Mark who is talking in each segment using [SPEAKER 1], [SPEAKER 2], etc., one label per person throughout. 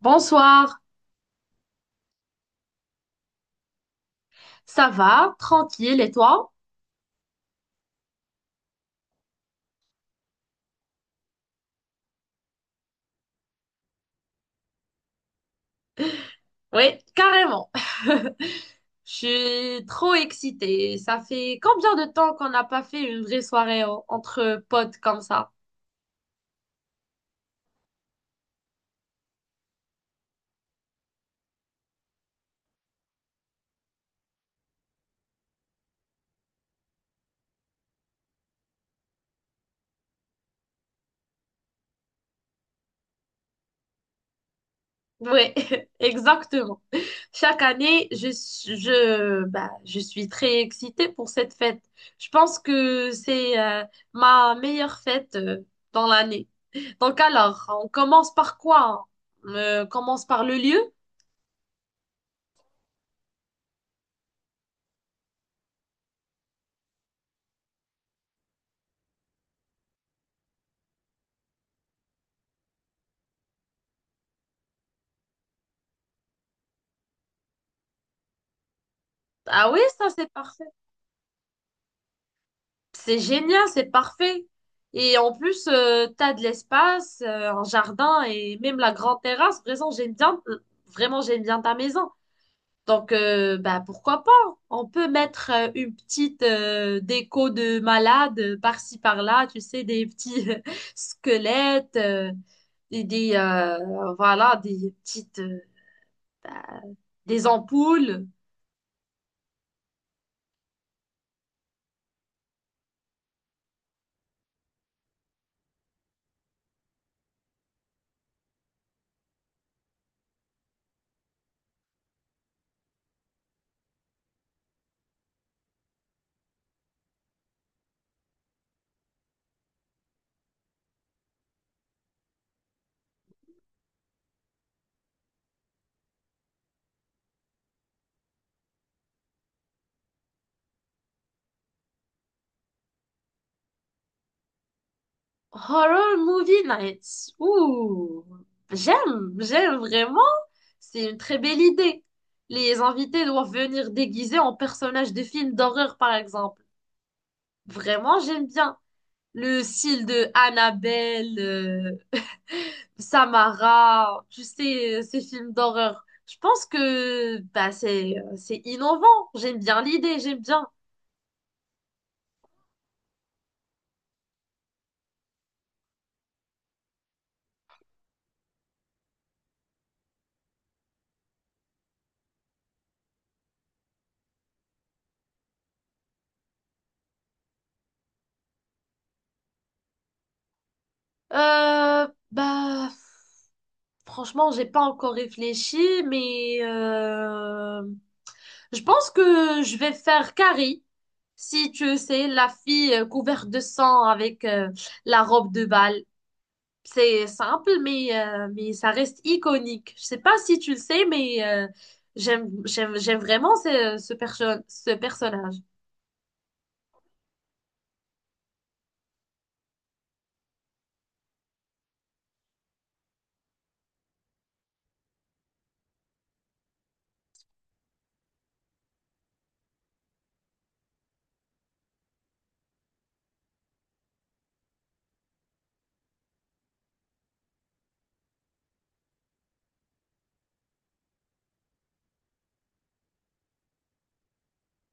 [SPEAKER 1] Bonsoir, ça va? Tranquille, et toi? Oui, carrément. Je suis trop excitée. Ça fait combien de temps qu'on n'a pas fait une vraie soirée entre potes comme ça? Oui, exactement. Chaque année, je suis très excitée pour cette fête. Je pense que c'est ma meilleure fête dans l'année. Donc alors, on commence par quoi? On commence par le lieu? Ah oui, ça c'est parfait. C'est génial, c'est parfait. Et en plus, t'as de l'espace, un jardin et même la grande terrasse. Vraiment, j'aime bien ta maison. Donc, pourquoi pas? On peut mettre une petite déco de malade par-ci, par-là, tu sais, des petits squelettes, voilà, des petites, des ampoules. Horror Movie Nights. Ouh, j'aime vraiment. C'est une très belle idée. Les invités doivent venir déguisés en personnages de films d'horreur, par exemple. Vraiment, j'aime bien le style de Annabelle, Samara, tu sais, ces films d'horreur. Je pense que c'est innovant. J'aime bien l'idée, j'aime bien. Euh, bah, Franchement, j'ai pas encore réfléchi, mais je pense que je vais faire Carrie, si tu sais, la fille couverte de sang avec la robe de bal. C'est simple, mais ça reste iconique. Je sais pas si tu le sais, mais j'aime vraiment ce personnage.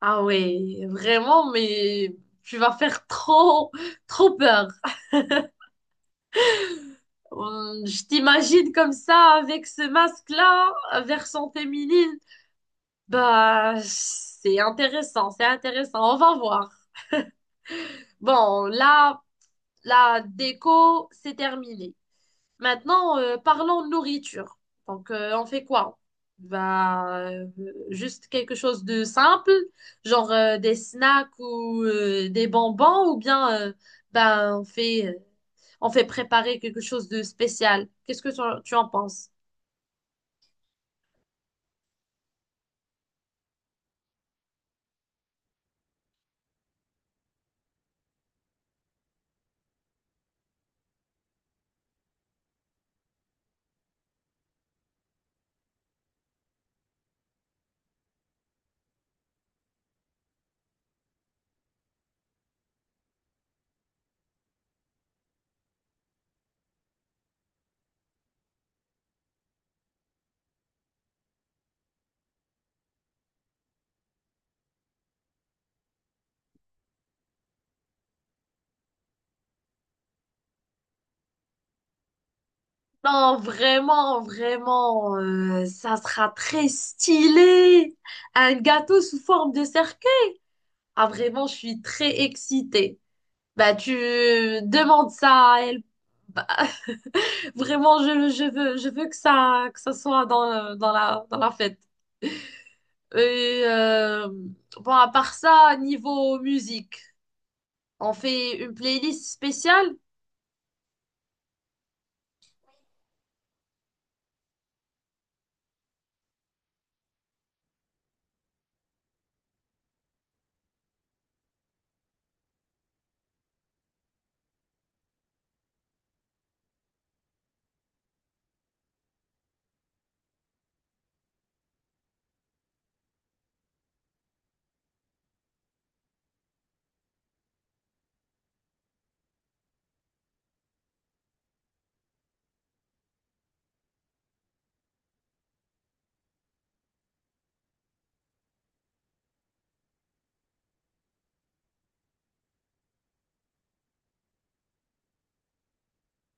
[SPEAKER 1] Ah ouais, vraiment, mais tu vas faire trop peur. Je t'imagine comme ça, avec ce masque-là, version féminine. Bah, c'est intéressant, c'est intéressant. On va voir. Bon, là, la déco, c'est terminé. Maintenant, parlons nourriture. Donc, on fait quoi? Bah, euh, Juste quelque chose de simple, genre des snacks ou des bonbons, ou bien, on on fait préparer quelque chose de spécial. Qu'est-ce que tu en penses? Non, vraiment, vraiment, ça sera très stylé. Un gâteau sous forme de cercueil. Ah, vraiment, je suis très excitée. Bah, tu demandes ça à elle. Bah, vraiment, je veux que ça soit dans la fête. Et bon, à part ça, niveau musique, on fait une playlist spéciale?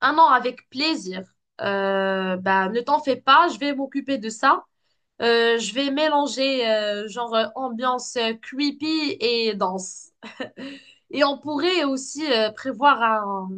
[SPEAKER 1] Ah non, avec plaisir. Ne t'en fais pas, je vais m'occuper de ça. Je vais mélanger ambiance creepy et danse. Et on pourrait aussi prévoir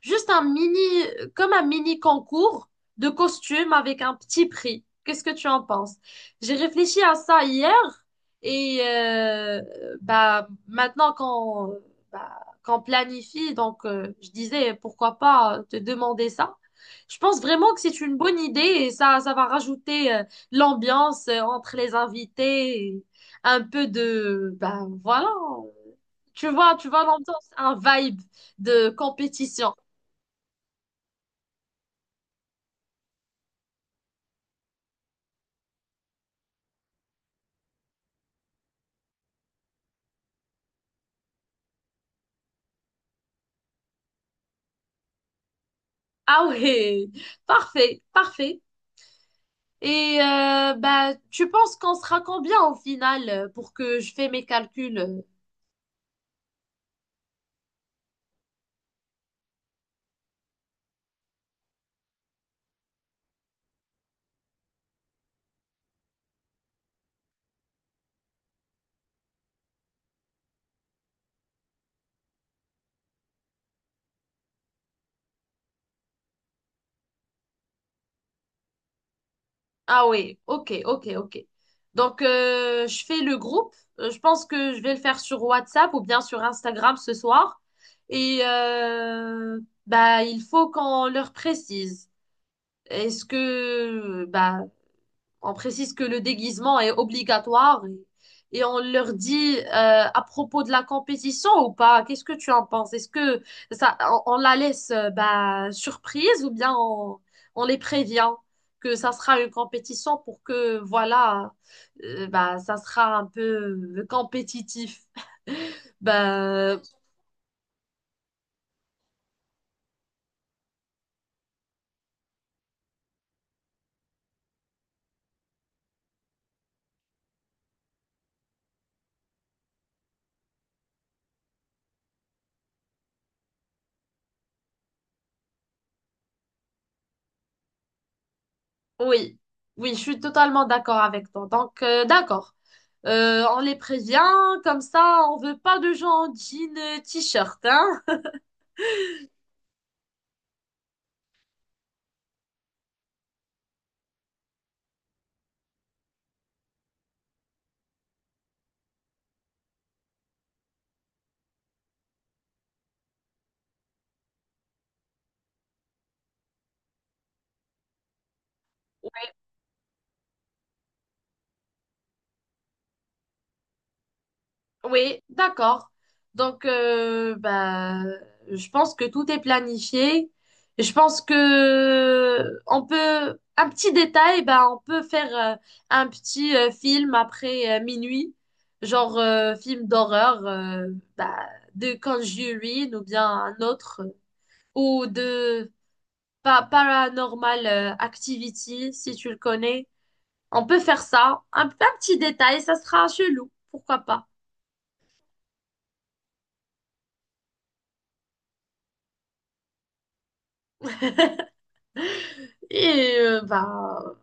[SPEAKER 1] Juste un mini, comme un mini concours de costumes avec un petit prix. Qu'est-ce que tu en penses? J'ai réfléchi à ça hier et maintenant qu'on planifie, donc je disais pourquoi pas te demander ça. Je pense vraiment que c'est une bonne idée et ça va rajouter l'ambiance entre les invités, et un peu de, bah voilà, tu vois l'ambiance, un vibe de compétition. Ah ouais, parfait, parfait. Et tu penses qu'on sera combien au final pour que je fais mes calculs? Ah ouais, ok, ok, ok. Donc, je fais le groupe. Je pense que je vais le faire sur WhatsApp ou bien sur Instagram ce soir. Et bah, il faut qu'on leur précise. Est-ce que bah, On précise que le déguisement est obligatoire et on leur dit à propos de la compétition ou pas, qu'est-ce que tu en penses? Est-ce que ça, on la laisse surprise ou bien on les prévient que ça sera une compétition pour que, voilà, ça sera un peu compétitif? Ben Oui, oui, je suis totalement d'accord avec toi. Donc, d'accord. On les prévient, comme ça, on veut pas de gens en jean, t-shirt, hein? Oui, d'accord. Donc, je pense que tout est planifié. Je pense que on peut, un petit détail, bah, on peut faire un petit film après minuit, genre film d'horreur, bah, de Conjuring ou bien un autre. ou de Paranormal Activity, si tu le connais. On peut faire ça. Un petit détail, ça sera chelou, pourquoi pas. Et euh, bah,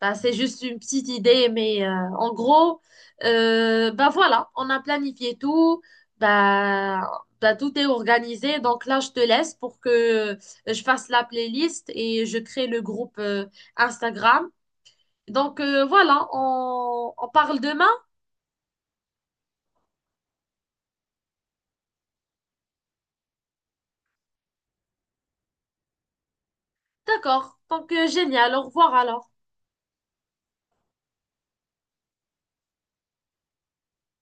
[SPEAKER 1] bah, c'est juste une petite idée, mais en gros, voilà, on a planifié tout. Bah, Tout est organisé. Donc là, je te laisse pour que euh, je fasse la playlist et je crée le groupe Instagram. Donc voilà, on parle demain. D'accord. Donc, génial. Au revoir alors.